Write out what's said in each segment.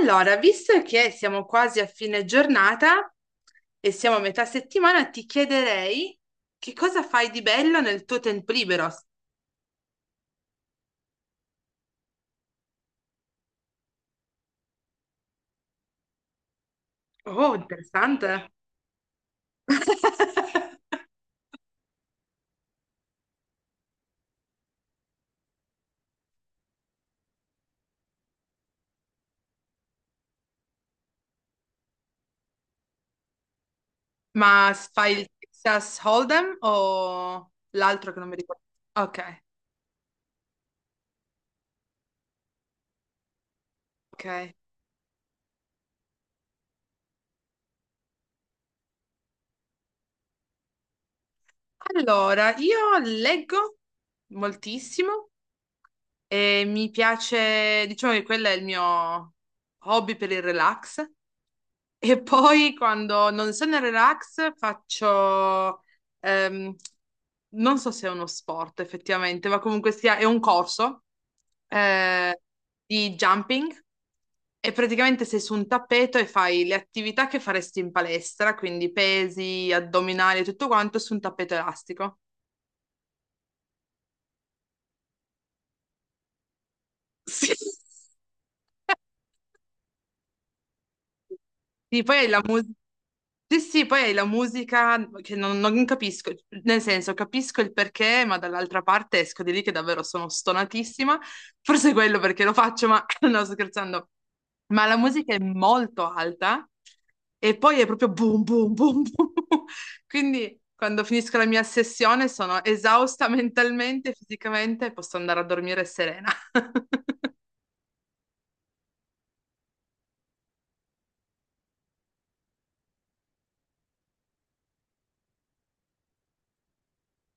Allora, visto che siamo quasi a fine giornata e siamo a metà settimana, ti chiederei che cosa fai di bello nel tuo tempo libero? Oh, interessante. Ma fai il Texas Hold'em o l'altro che non mi ricordo? Ok, ok. Allora, io leggo moltissimo e mi piace, diciamo che quello è il mio hobby per il relax. E poi quando non sono in relax faccio, ehm, non so se è uno sport effettivamente, ma comunque sia, è un corso eh, di jumping e praticamente sei su un tappeto e fai le attività che faresti in palestra, quindi pesi, addominali e tutto quanto su un tappeto elastico. Sì. Sì, poi hai la musica. Sì, sì, poi hai la musica che non capisco, nel senso capisco il perché, ma dall'altra parte esco di lì che davvero sono stonatissima, forse è quello perché lo faccio, ma no, sto scherzando, ma la musica è molto alta e poi è proprio boom, boom, boom, boom, quindi quando finisco la mia sessione sono esausta mentalmente, fisicamente e posso andare a dormire serena.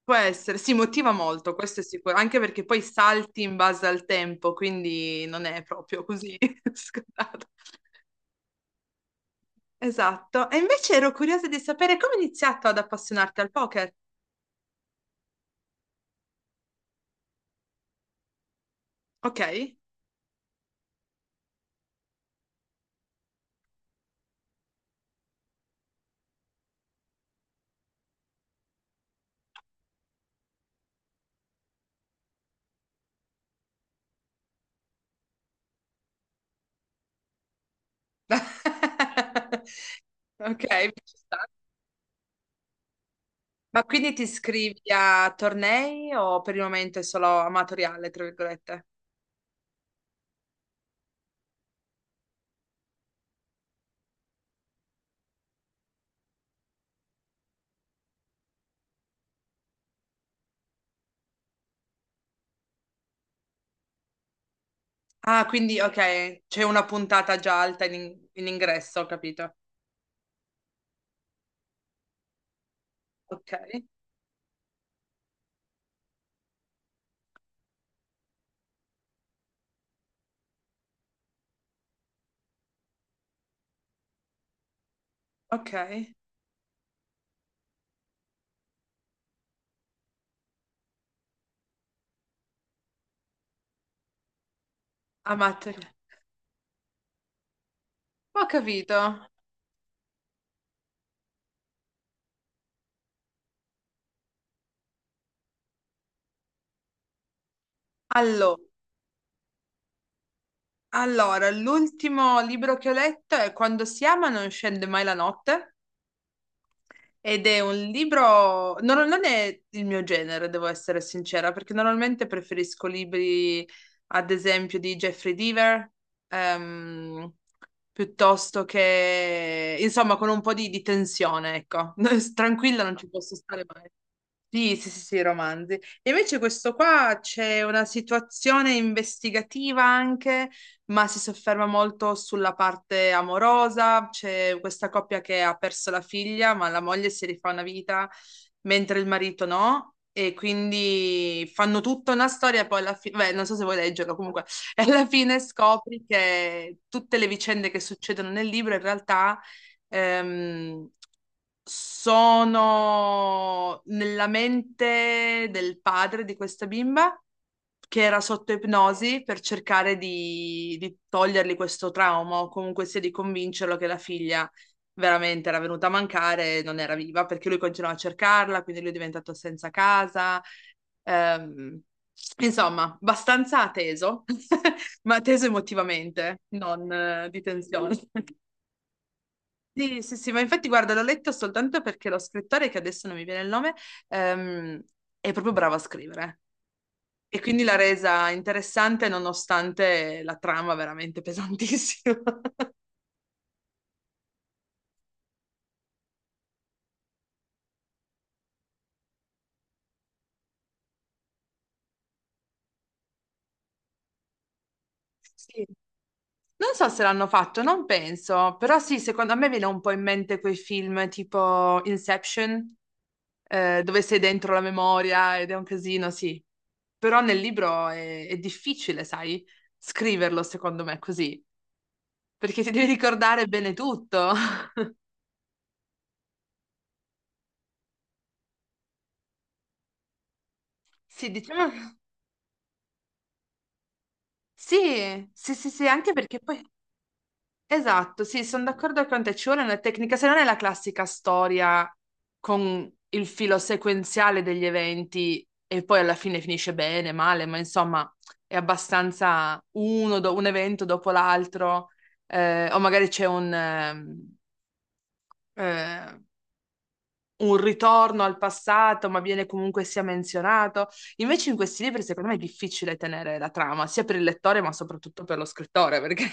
Può essere, si motiva molto, questo è sicuro, anche perché poi salti in base al tempo, quindi non è proprio così scontato. Esatto. E invece ero curiosa di sapere come hai iniziato ad appassionarti al poker. Ok? Ok, ci sta. Ma quindi ti iscrivi a tornei o per il momento è solo amatoriale, tra virgolette? Ah, quindi ok, c'è una puntata già alta in ingresso, ho capito. Ok, ok, amatoriale. Ho capito. Allo- Allora, l'ultimo libro che ho letto è Quando si ama non scende mai la notte ed è un libro, non è il mio genere, devo essere sincera, perché normalmente preferisco libri, ad esempio, di Jeffrey Deaver, ehm, piuttosto che, insomma, con un po' di tensione, ecco. Tranquilla non ci posso stare mai. Sì, sì, sì, sì, romanzi. E invece questo qua c'è una situazione investigativa anche, ma si sofferma molto sulla parte amorosa. C'è questa coppia che ha perso la figlia, ma la moglie si rifà una vita, mentre il marito no. E quindi fanno tutta una storia, poi alla fine, beh, non so se vuoi leggerlo, comunque, e alla fine scopri che tutte le vicende che succedono nel libro in realtà ehm, sono nella mente del padre di questa bimba che era sotto ipnosi per cercare di togliergli questo trauma o comunque sia di convincerlo che la figlia veramente era venuta a mancare e non era viva perché lui continuava a cercarla, quindi lui è diventato senza casa. Ehm, insomma, abbastanza teso, ma teso emotivamente, non di tensione. Sì, sì, sì, ma infatti guarda, l'ho letto soltanto perché lo scrittore, che adesso non mi viene il nome, ehm, è proprio bravo a scrivere e quindi l'ha resa interessante nonostante la trama veramente pesantissima. Sì. Non so se l'hanno fatto, non penso, però sì, secondo me viene un po' in mente quei film tipo Inception, dove sei dentro la memoria ed è un casino, sì. Però nel libro è difficile, sai, scriverlo secondo me così. Perché ti devi ricordare bene tutto. Sì, diciamo... Sì, sì, sì, sì, anche perché poi... Esatto, sì, sono d'accordo con te, ci vuole una tecnica, se non è la classica storia con il filo sequenziale degli eventi e poi alla fine finisce bene, male, ma insomma è abbastanza un evento dopo l'altro, o magari c'è eh, un ritorno al passato, ma viene comunque sia menzionato. Invece in questi libri, secondo me, è difficile tenere la trama, sia per il lettore, ma soprattutto per lo scrittore, perché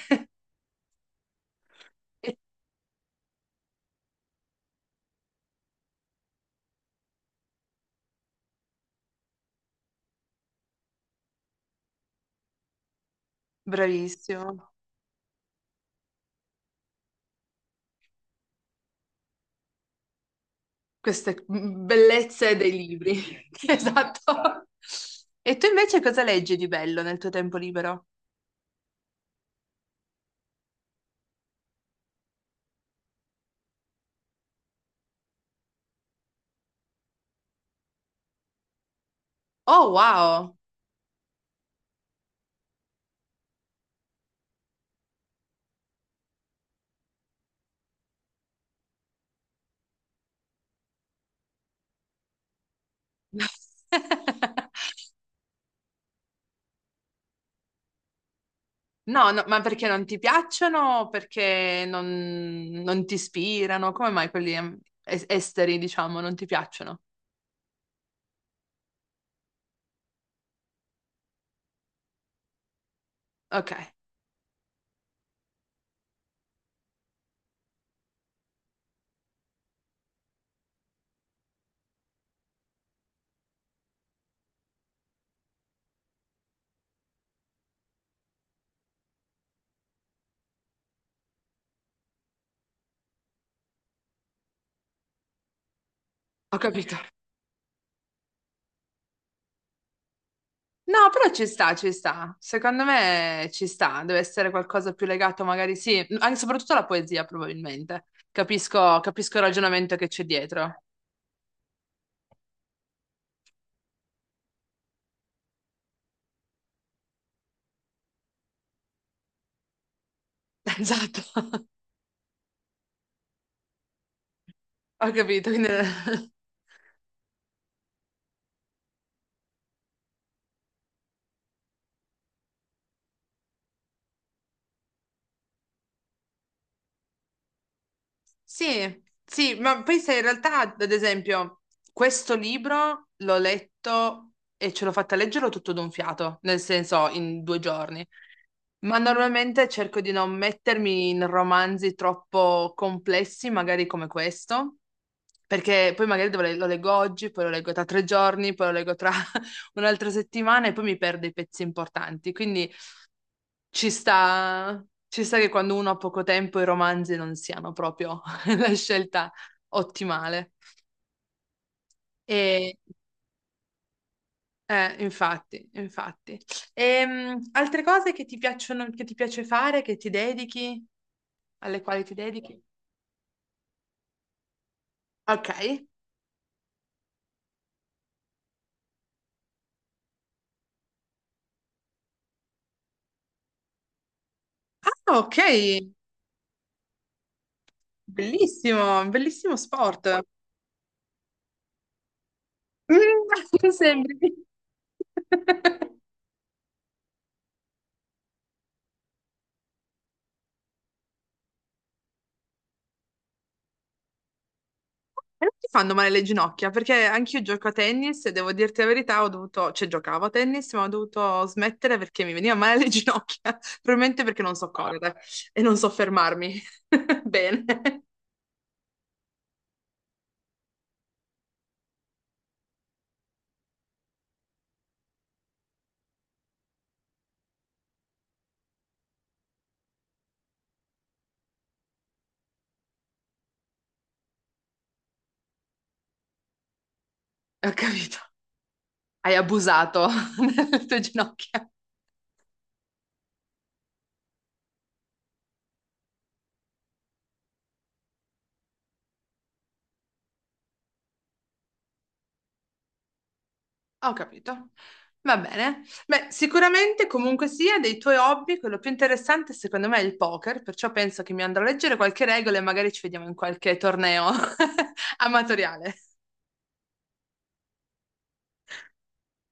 bravissimo. Queste bellezze dei libri. Esatto. E tu invece cosa leggi di bello nel tuo tempo libero? Oh, wow! No, no, ma perché non ti piacciono? O perché non, non ti ispirano? Come mai quelli esteri, diciamo, non ti piacciono? Ok. Ho capito. No, però ci sta, ci sta. Secondo me ci sta. Deve essere qualcosa più legato, magari sì, anche soprattutto alla poesia, probabilmente. Capisco, capisco il ragionamento che c'è dietro. Esatto. Ho capito. Quindi- Sì, sì, ma poi se in realtà, ad esempio, questo libro l'ho letto e ce l'ho fatta leggerlo tutto d'un fiato, nel senso in 2 giorni. Ma normalmente cerco di non mettermi in romanzi troppo complessi, magari come questo, perché poi magari lo leggo oggi, poi lo leggo tra 3 giorni, poi lo leggo tra un'altra settimana e poi mi perdo i pezzi importanti. Quindi ci sta che quando uno ha poco tempo i romanzi non siano proprio la scelta ottimale. E, infatti, infatti. Altre cose che ti piacciono, che ti piace fare, che ti dedichi, alle quali ti dedichi? Ok. Ah, ok. Bellissimo, bellissimo sport. Mm, sembri. E non ti fanno male le ginocchia, perché anch'io gioco a tennis e devo dirti la verità, ho dovuto, cioè giocavo a tennis, ma ho dovuto smettere perché mi veniva male le ginocchia, probabilmente perché non so. Ah, correre e non so fermarmi. Bene, ho capito. Hai abusato delle tue ginocchia. Ho capito. Va bene. Beh, sicuramente comunque sia dei tuoi hobby, quello più interessante secondo me è il poker, perciò penso che mi andrò a leggere qualche regola e magari ci vediamo in qualche torneo amatoriale.